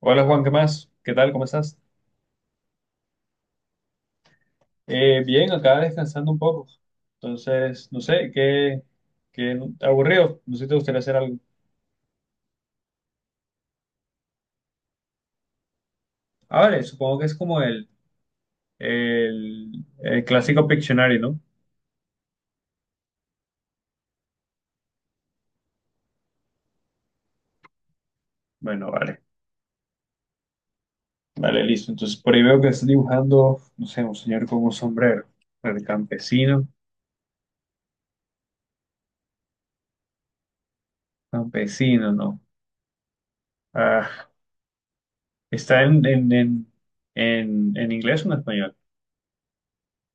Hola Juan, ¿qué más? ¿Qué tal? ¿Cómo estás? Bien, acá descansando un poco. Entonces, no sé, qué aburrido. No sé si te gustaría hacer algo. Ah, vale, supongo que es como el clásico Pictionary, ¿no? Bueno, vale. Vale, listo. Entonces, por ahí veo que estás dibujando, no sé, un señor con un sombrero. El campesino. Campesino, no. Ah, ¿está en inglés o en español?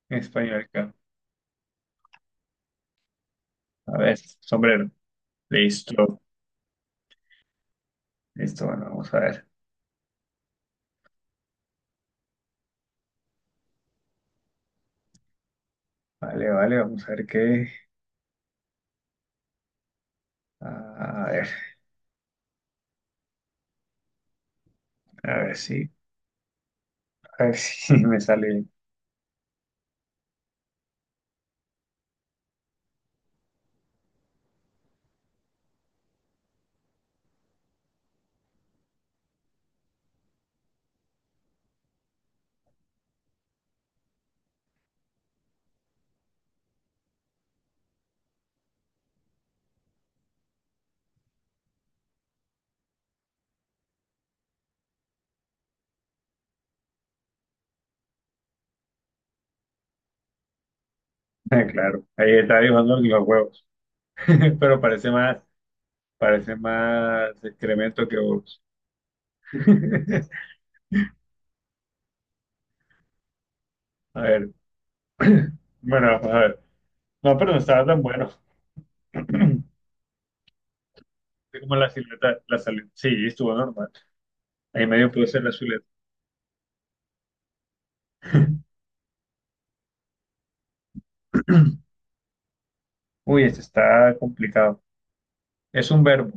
En español, claro. A ver, sombrero. Listo. Listo, bueno, vamos a ver. Vale, vale, vamos a ver qué. A ver, a ver si, a ver si me sale bien. Ah, claro, ahí está dibujando los huevos. Pero parece más excremento que huevos. A ver. Bueno, a ver. No, pero no estaba tan bueno. Es como la silueta, sí, estuvo normal. Ahí medio pude ser la silueta. Uy, este está complicado. Es un verbo,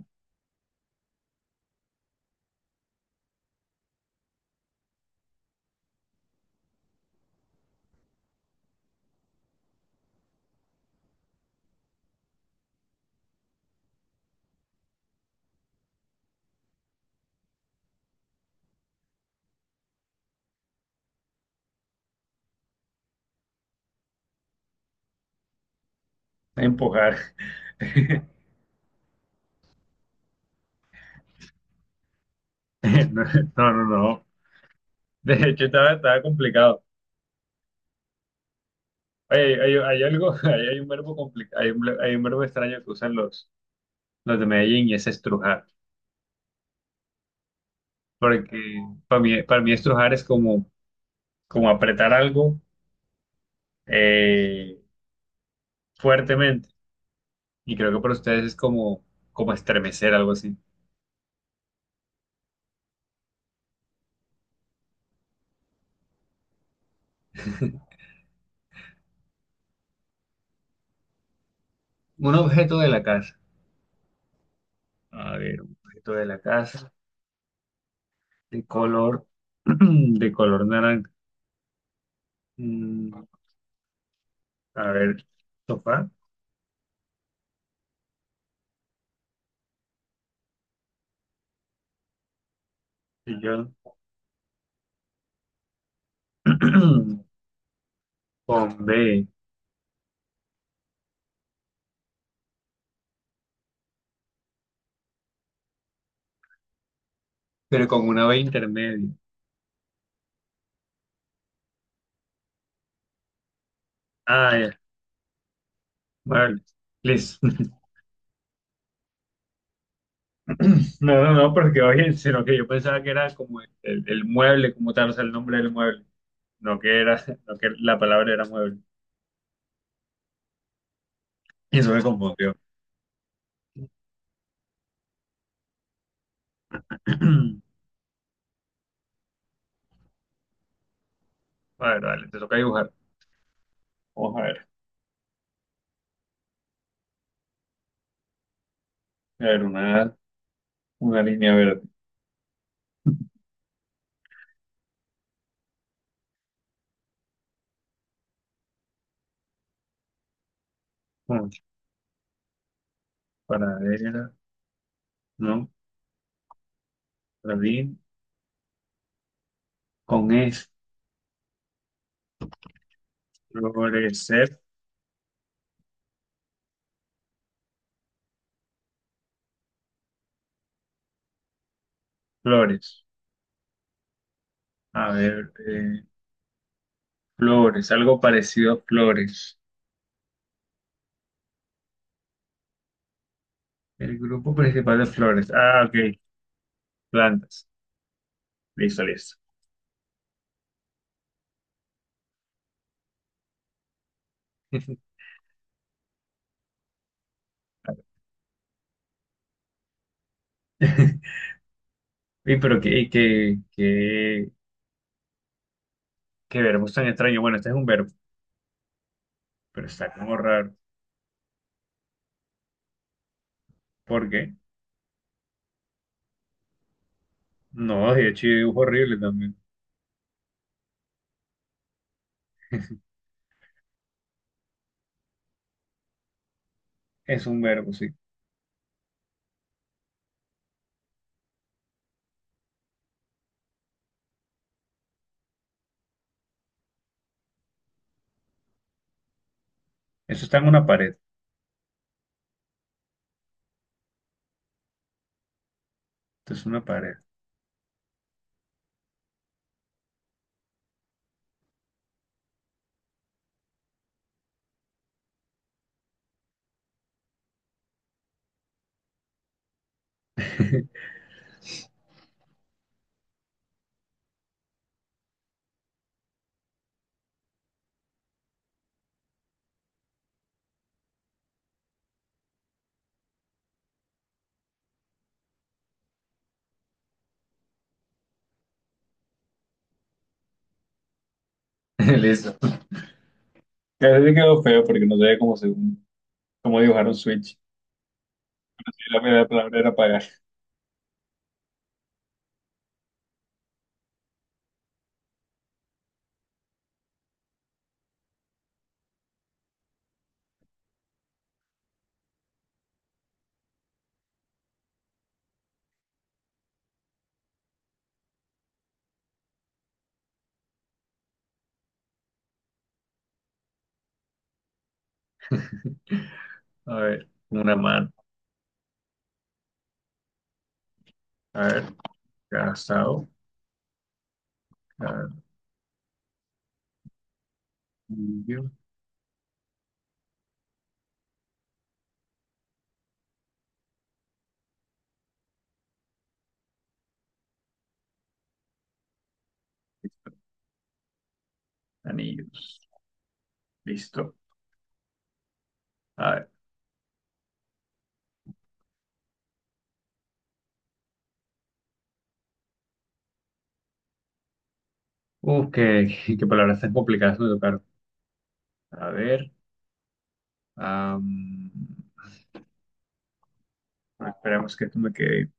empujar. No, no, no. De hecho, estaba complicado. Oye, hay algo, hay un verbo complicado, hay un verbo extraño que usan los de Medellín y es estrujar. Porque para mí estrujar es como, como apretar algo eh, fuertemente. Y creo que para ustedes es como, como estremecer, algo así. Un objeto de la casa. A ver, un objeto de la casa de color, de color naranja. Mm, a ver, sofá, sillón, con B, pero con una B intermedia. Ah, ya. Vale. Listo. No, no, no, porque oye, sino que yo pensaba que era como el mueble, como tal, o sea, el nombre del mueble. No que era, no que la palabra era mueble. Y eso me confundió. Vale, vale, te toca dibujar. Vamos a ver. A ver, una línea verde. Mm, ¿paradera, no? Jardín. Con es. Florecer. Flores. A ver, flores. Algo parecido a flores. El grupo principal de flores. Ah, ok. Plantas. Listo, listo. Y pero qué verbo tan extraño. Bueno, este es un verbo, pero está como raro. ¿Por qué? No, de hecho, yo dibujo horrible también. Es un verbo, sí. Eso está en una pared. Esto es una pared. Listo. Eso sí quedó feo porque no sabía cómo dibujar un switch. Y la primera palabra era pagar. A ver, una mano. A ver, casado, anillo, anillos. Listo. A ver. Qué, qué palabras tan complicadas me tocaron. A ver. am, esperemos que esto me quede.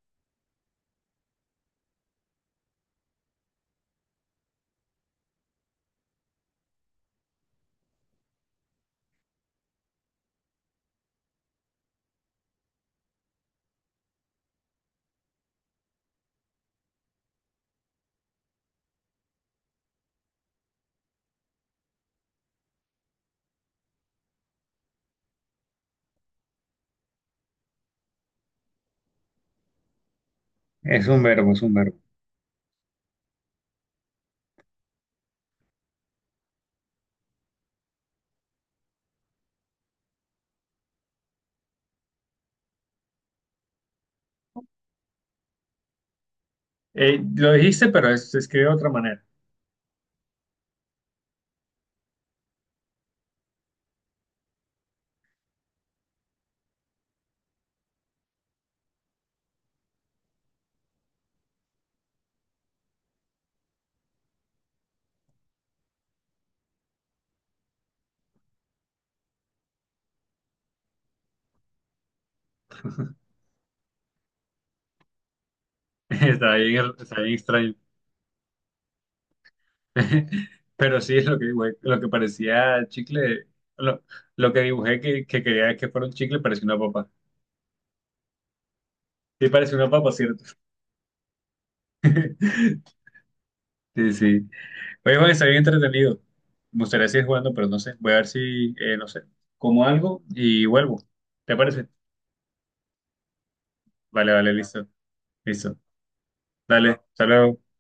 Es un verbo, es un verbo. Lo dijiste, pero se escribe de otra manera. Está bien extraño. Pero sí, lo que parecía chicle, lo, lo que dibujé que quería que fuera un chicle parecía una papa. Sí, parece una papa, ¿cierto? Sí, sí. Oye, Juan, está bien entretenido. Me gustaría seguir jugando, pero no sé. Voy a ver si, no sé, como algo y vuelvo. ¿Te parece? Vale, vale, listo. Listo. Dale, hasta luego.